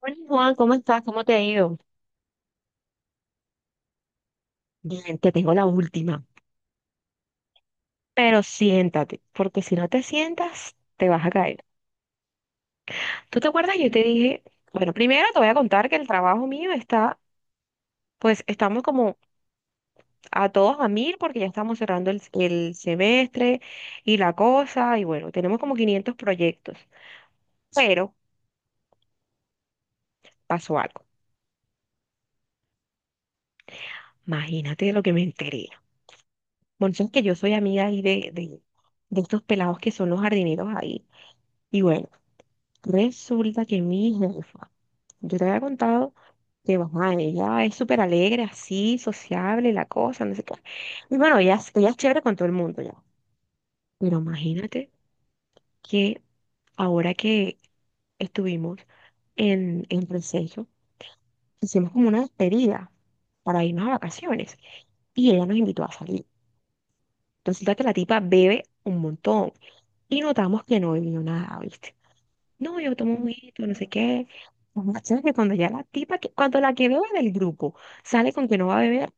Hola Juan, ¿cómo estás? ¿Cómo te ha ido? Bien, te tengo la última. Pero siéntate, porque si no te sientas, te vas a caer. ¿Tú te acuerdas? Yo te dije, bueno, primero te voy a contar que el trabajo mío está, pues estamos como a todos a mil porque ya estamos cerrando el semestre y la cosa, y bueno, tenemos como 500 proyectos. Pero pasó algo. Imagínate lo que me enteré. Bueno, sabes que yo soy amiga ahí de estos pelados que son los jardineros ahí. Y bueno. Resulta que mi jefa yo te había contado que mamá, ella es súper alegre, así, sociable, la cosa, no sé qué. Y bueno, ella, ella es chévere con todo el mundo ya. Pero imagínate que ahora que estuvimos en Receso, hicimos como una despedida para irnos a vacaciones. Y ella nos invitó a salir. Resulta que la tipa bebe un montón. Y notamos que no bebió nada, ¿viste? No, yo tomo un poquito, no sé qué. Lo más chévere que cuando ya la tipa, que, cuando la que bebe del grupo sale con que no va a beber,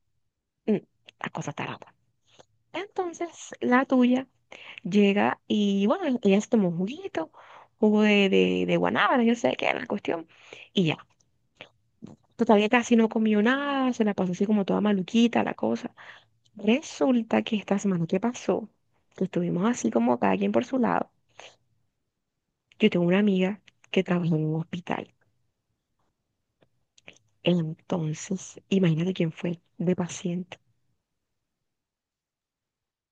mm, la cosa está rota. Entonces la tuya llega y bueno, ella se tomó un juguito, jugo de guanábana, yo sé qué era la cuestión, y ya. Todavía casi no comió nada, se la pasó así como toda maluquita la cosa. Resulta que esta semana que pasó, que estuvimos así como cada quien por su lado, yo tengo una amiga que trabaja en un hospital. Entonces, imagínate quién fue de paciente,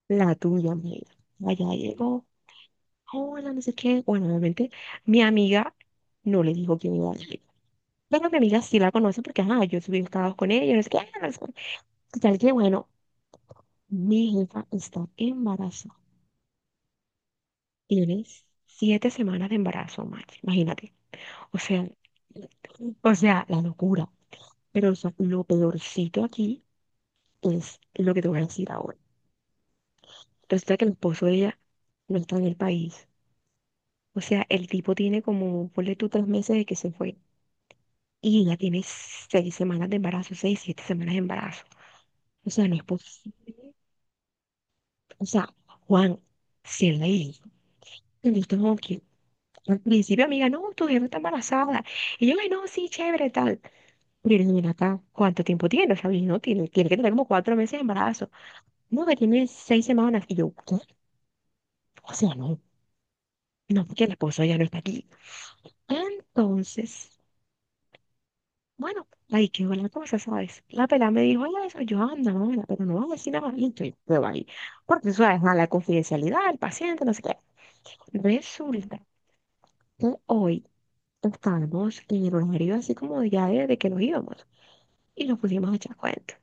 la tuya, amiga. Allá llegó hola, no sé qué. Bueno, obviamente mi amiga no le dijo que me iba a ir. Pero mi amiga sí la conoce porque, ajá, yo subí estados con ella, no sé qué. Ah, no sé qué. Total que, bueno, mi jefa está embarazada. Tienes 7 semanas de embarazo, Max, imagínate. O sea, o sea, la locura. Pero o sea, lo peorcito aquí es lo que te voy a decir ahora. Resulta que el esposo de ella no está en el país. O sea, el tipo tiene como, ponle tú 3 meses de que se fue. Y ya tiene 6 semanas de embarazo, 6, 7 semanas de embarazo. O sea, no es posible. O sea, Juan, si él le dijo, él como que al principio, amiga, no, tu jefa está embarazada. Y yo, ay, no, sí, chévere, tal. Pero mira acá, ¿cuánto tiempo tiene? O sea, y no, tiene que tener como 4 meses de embarazo. No, que tiene seis semanas. Y yo, ¿qué? O sea, no, porque el esposo ya no está aquí. Ah, entonces, bueno, ahí quedó la cosa, ¿sabes? La pelada me dijo, oye, eso, yo anda, mamá, pero no vas a decir nada más, y entonces yo ahí. Porque eso es la confidencialidad del paciente, no sé qué. Resulta que hoy estábamos en el horario así como ya de que nos íbamos y nos pusimos a echar cuentos.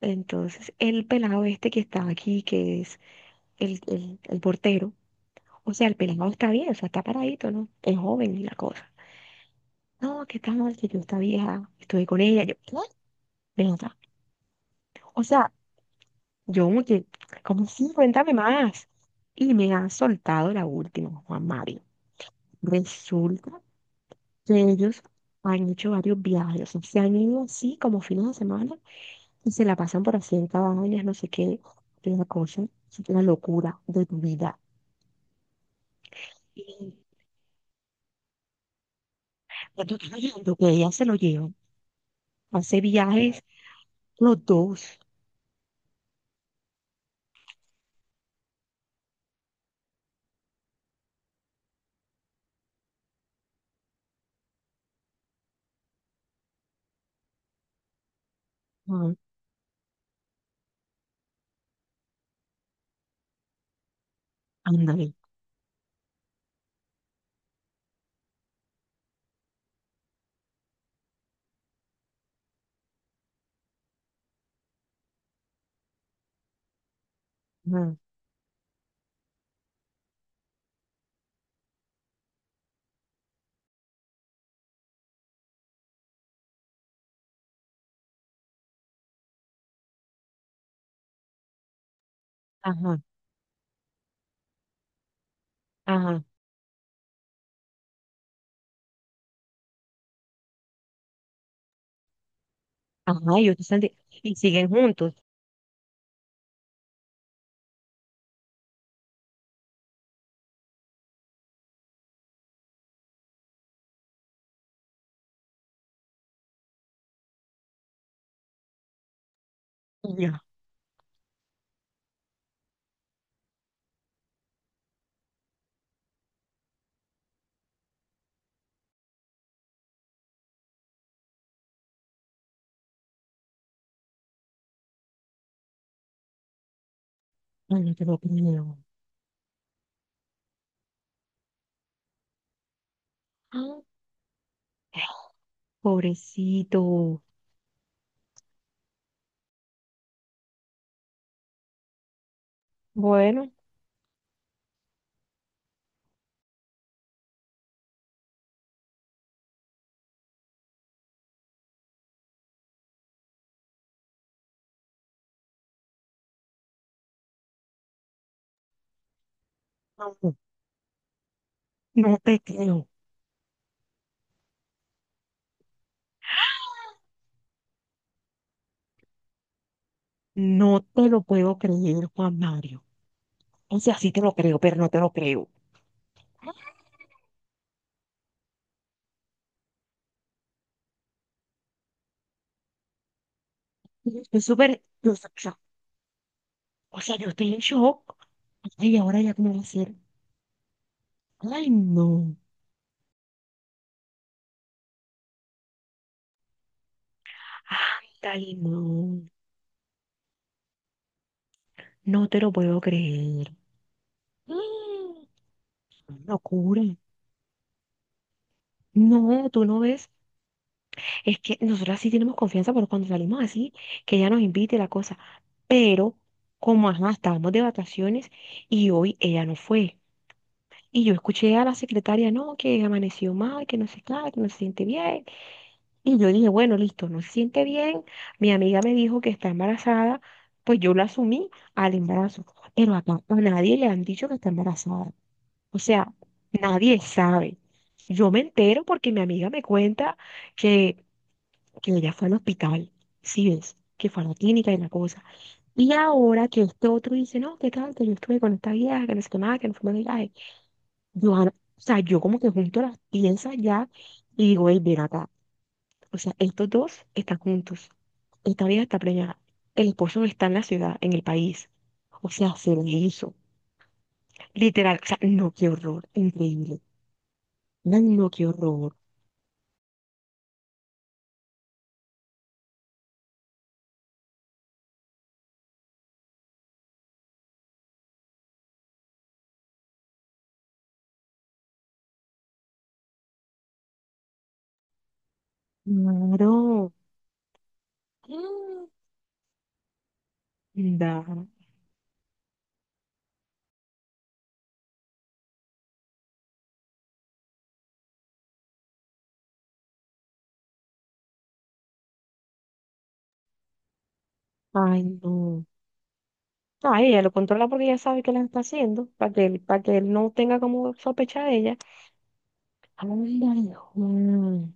Entonces, el pelado este que está aquí, que es el portero, o sea, el pelado está bien, o sea, está paradito, ¿no? Es joven y la cosa. No, que está mal, que yo esta vieja, estuve con ella, yo, ¿qué? Ven acá. O sea, yo como que, ¿cómo sí? Cuéntame más. Y me han soltado la última, Juan Mario. Resulta que ellos han hecho varios viajes, o sea, se han ido así como fines de semana y se la pasan por así en cabañas, no sé qué, una cosa, es una locura de tu vida. Y cuando estás hablando que ella se lo lleva, hace viajes los dos. Ah, ándale. Ajá, ajá, ajá, ajá, y, y siguen juntos. Y ya, ay, no te lo creo. Ah. Pobrecito, bueno, no, no te creo, no te lo puedo creer, Juan Mario. O sea, sí te lo creo, pero no te lo creo. Yo estoy súper, o sea, yo estoy en shock. Ay, ahora ya cómo va a ser. Ay, no. Ay, no. No te lo puedo creer. Mm, locura. No, tú no ves. Es que nosotras sí tenemos confianza por cuando salimos así, que ella nos invite la cosa. Pero, como ajá, estábamos de vacaciones y hoy ella no fue. Y yo escuché a la secretaria, no, que amaneció mal, que no sé nada, que no se siente bien. Y yo dije, bueno, listo, no se siente bien. Mi amiga me dijo que está embarazada, pues yo la asumí al embarazo. Pero acá a nadie le han dicho que está embarazada. O sea, nadie sabe. Yo me entero porque mi amiga me cuenta que que ella fue al hospital, sí ves, que fue a la clínica y la cosa. Y ahora que este otro dice, no, qué tal, que yo estuve con esta vieja, que no sé qué más, que no fue de viaje. Yo, ah, no, o sea, yo como que junto las piezas ya y digo, hey, ven acá. O sea, estos dos están juntos. Esta vieja está preñada. El esposo no está en la ciudad, en el país. O sea, se lo hizo. Literal, o sea, no, qué horror, increíble. Ay, no, qué horror. Claro. Mm, da. Ay, no. No, ahí ella lo controla porque ella sabe que la está haciendo, para que él no tenga como sospecha de ella. Ay, ay, Juan.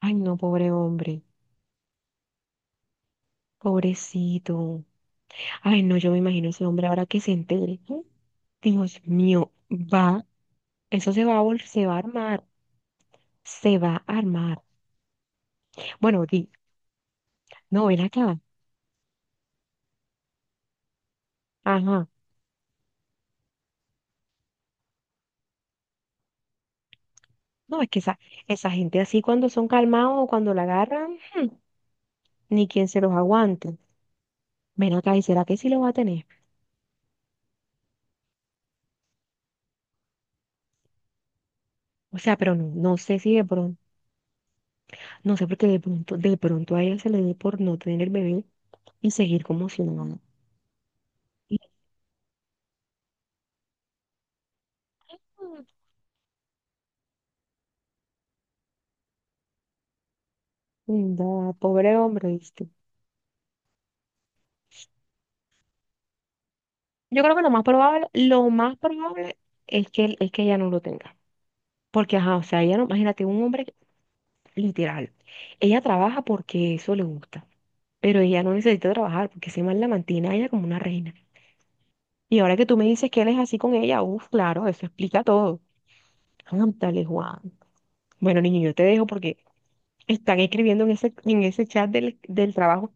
Ay, no, pobre hombre, pobrecito. Ay, no, yo me imagino ese hombre ahora que se entere, ¿eh? Dios mío, va, eso se va a armar, se va a armar. Bueno, di, no, ven acá. Ajá. No, es que esa gente así cuando son calmados o cuando la agarran, ni quien se los aguante. Ven acá, ¿y será que sí lo va a tener? O sea, pero no, no sé si de pronto. No sé por qué de pronto a ella se le dio por no tener el bebé y seguir como si nada. Y, mm, da, pobre hombre, ¿viste? Yo creo que lo más probable es que, es que ella no lo tenga. Porque, ajá, o sea, ella no, imagínate, un hombre que- literal. Ella trabaja porque eso le gusta, pero ella no necesita trabajar porque se mal la mantiene a ella como una reina. Y ahora que tú me dices que él es así con ella, uff, claro, eso explica todo. Ándale, Juan. Bueno, niño, yo te dejo porque están escribiendo en ese chat del trabajo.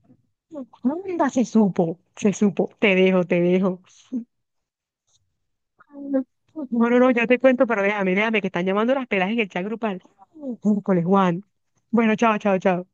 Anda, se supo, se supo. Te dejo, te dejo. No, no, yo te cuento, pero déjame, déjame, que están llamando las pelas en el chat grupal. Miércoles, Juan. Bueno, chao, chao, chao.